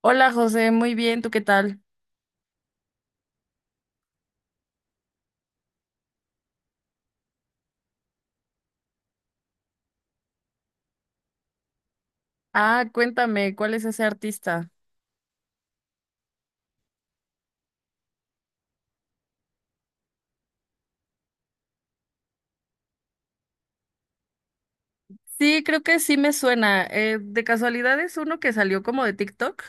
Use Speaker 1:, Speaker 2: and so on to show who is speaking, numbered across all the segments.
Speaker 1: Hola José, muy bien, ¿tú qué tal? Ah, cuéntame, ¿cuál es ese artista? Sí, creo que sí me suena. ¿De casualidad es uno que salió como de TikTok?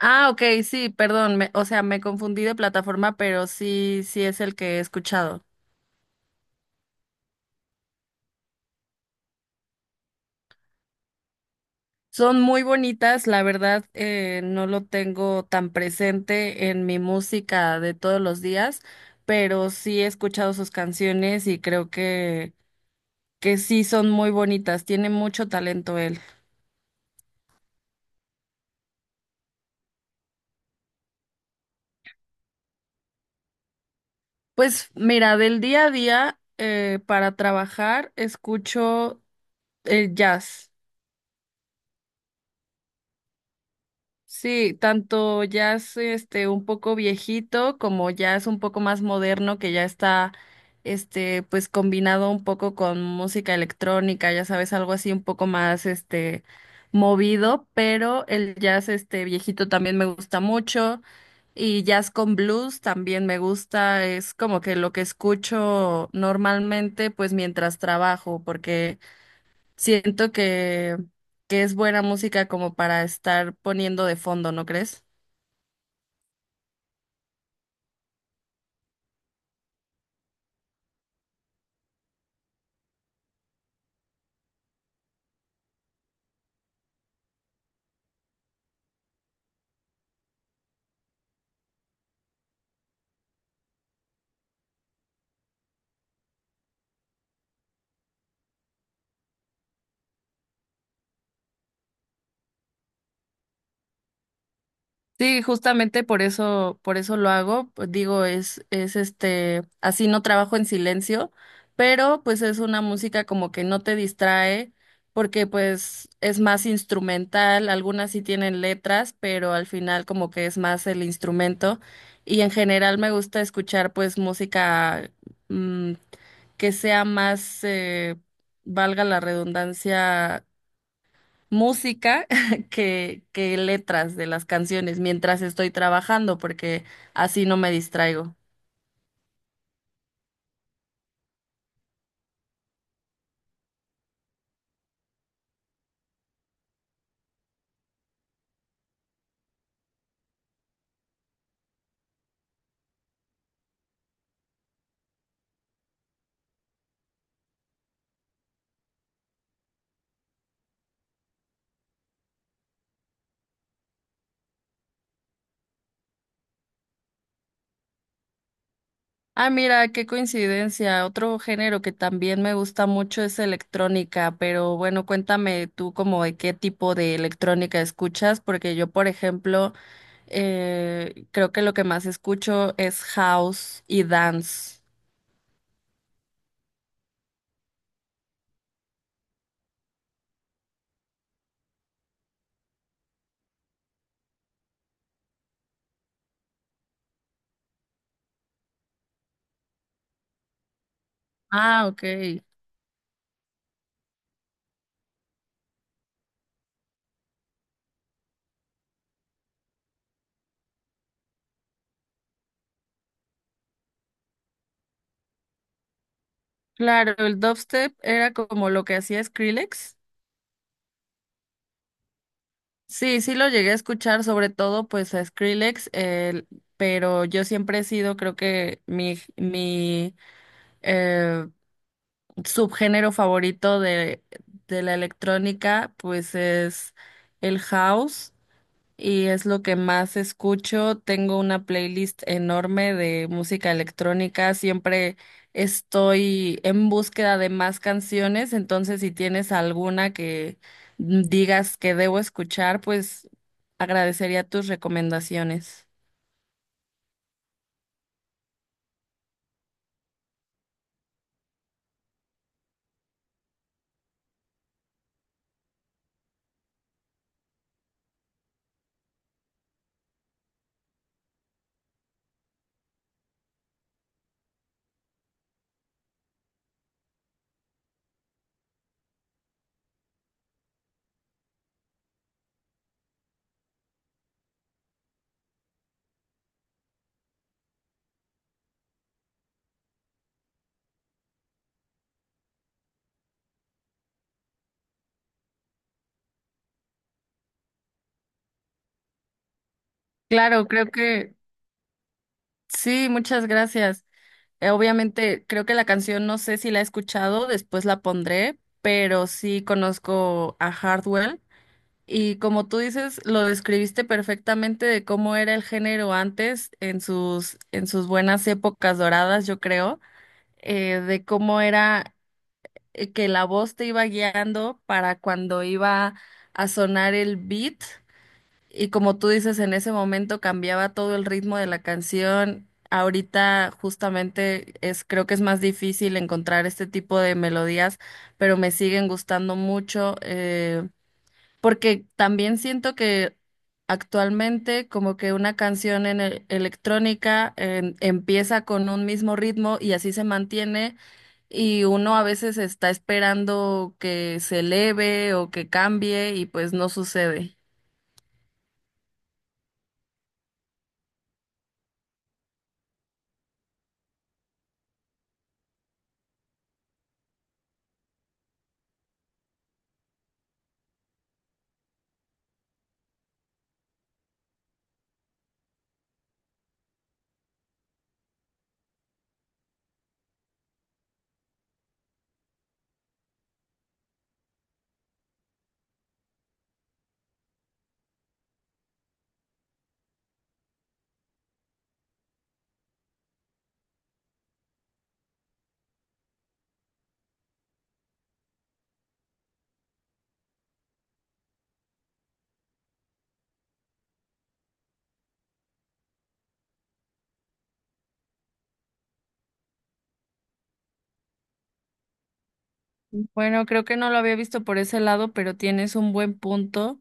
Speaker 1: Ah, ok, sí, perdón, me confundí de plataforma, pero sí, sí es el que he escuchado. Son muy bonitas, la verdad, no lo tengo tan presente en mi música de todos los días, pero sí he escuchado sus canciones y creo que sí son muy bonitas, tiene mucho talento él. Pues mira, del día a día para trabajar escucho el jazz. Sí, tanto jazz este un poco viejito como jazz un poco más moderno que ya está este pues combinado un poco con música electrónica, ya sabes, algo así un poco más este movido, pero el jazz este viejito también me gusta mucho. Y jazz con blues también me gusta, es como que lo que escucho normalmente pues mientras trabajo, porque siento que es buena música como para estar poniendo de fondo, ¿no crees? Sí, justamente por eso lo hago. Pues, digo, es este, así no trabajo en silencio, pero pues es una música como que no te distrae, porque pues es más instrumental, algunas sí tienen letras, pero al final como que es más el instrumento. Y en general me gusta escuchar pues música mm, que sea más, valga la redundancia, música que letras de las canciones mientras estoy trabajando, porque así no me distraigo. Ah, mira, qué coincidencia. Otro género que también me gusta mucho es electrónica, pero bueno, cuéntame tú como de qué tipo de electrónica escuchas, porque yo, por ejemplo, creo que lo que más escucho es house y dance. Ah, ok. Claro, el dubstep era como lo que hacía Skrillex. Sí, sí lo llegué a escuchar, sobre todo pues a Skrillex, pero yo siempre he sido, creo que mi eh, subgénero favorito de la electrónica pues es el house y es lo que más escucho. Tengo una playlist enorme de música electrónica. Siempre estoy en búsqueda de más canciones, entonces si tienes alguna que digas que debo escuchar, pues agradecería tus recomendaciones. Claro, creo que sí, muchas gracias. Obviamente, creo que la canción no sé si la he escuchado, después la pondré, pero sí conozco a Hardwell. Y como tú dices, lo describiste perfectamente de cómo era el género antes, en sus buenas épocas doradas, yo creo, de cómo era que la voz te iba guiando para cuando iba a sonar el beat. Y como tú dices, en ese momento cambiaba todo el ritmo de la canción. Ahorita justamente es, creo que es más difícil encontrar este tipo de melodías, pero me siguen gustando mucho. Porque también siento que actualmente como que una canción en electrónica empieza con un mismo ritmo y así se mantiene y uno a veces está esperando que se eleve o que cambie y pues no sucede. Bueno, creo que no lo había visto por ese lado, pero tienes un buen punto,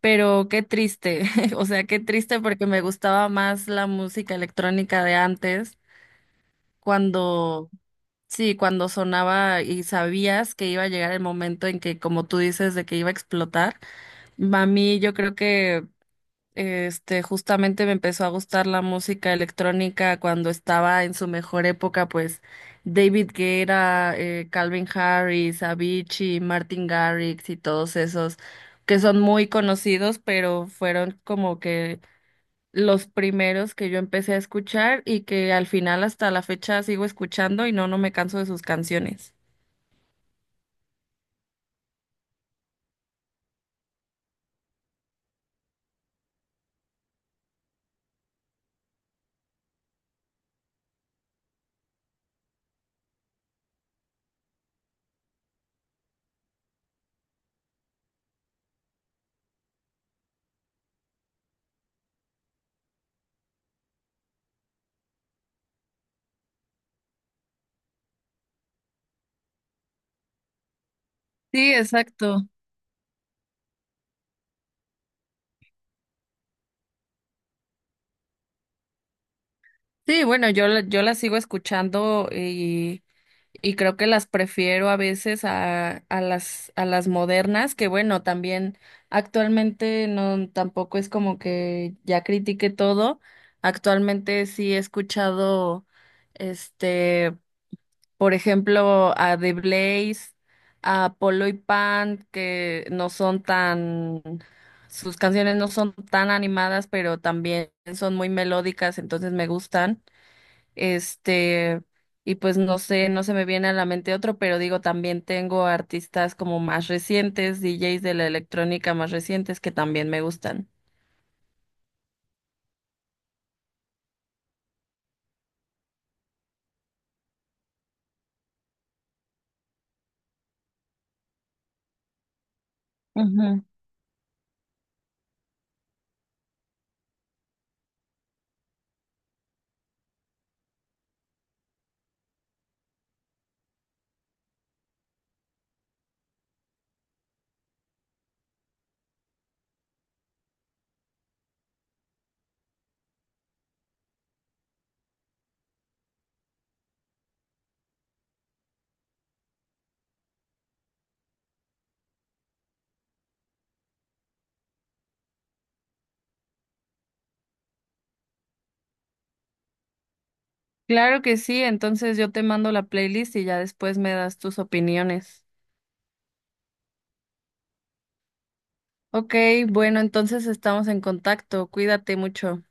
Speaker 1: pero qué triste, o sea, qué triste porque me gustaba más la música electrónica de antes cuando... Sí, cuando sonaba y sabías que iba a llegar el momento en que, como tú dices, de que iba a explotar. A mí yo creo que este justamente me empezó a gustar la música electrónica cuando estaba en su mejor época, pues David Guetta, Calvin Harris, Avicii, Martin Garrix y todos esos que son muy conocidos, pero fueron como que los primeros que yo empecé a escuchar y que al final hasta la fecha sigo escuchando y no, no me canso de sus canciones. Sí, exacto. Sí, bueno, yo, yo las sigo escuchando y creo que las prefiero a veces a, a las modernas, que bueno, también actualmente no, tampoco es como que ya critiqué todo. Actualmente sí he escuchado este. Por ejemplo, a The Blaze, a Polo y Pan, que no son tan, sus canciones no son tan animadas, pero también son muy melódicas, entonces me gustan. Este, y pues no sé, no se me viene a la mente otro, pero digo, también tengo artistas como más recientes, DJs de la electrónica más recientes que también me gustan. Ujú. Claro que sí, entonces yo te mando la playlist y ya después me das tus opiniones. Ok, bueno, entonces estamos en contacto. Cuídate mucho.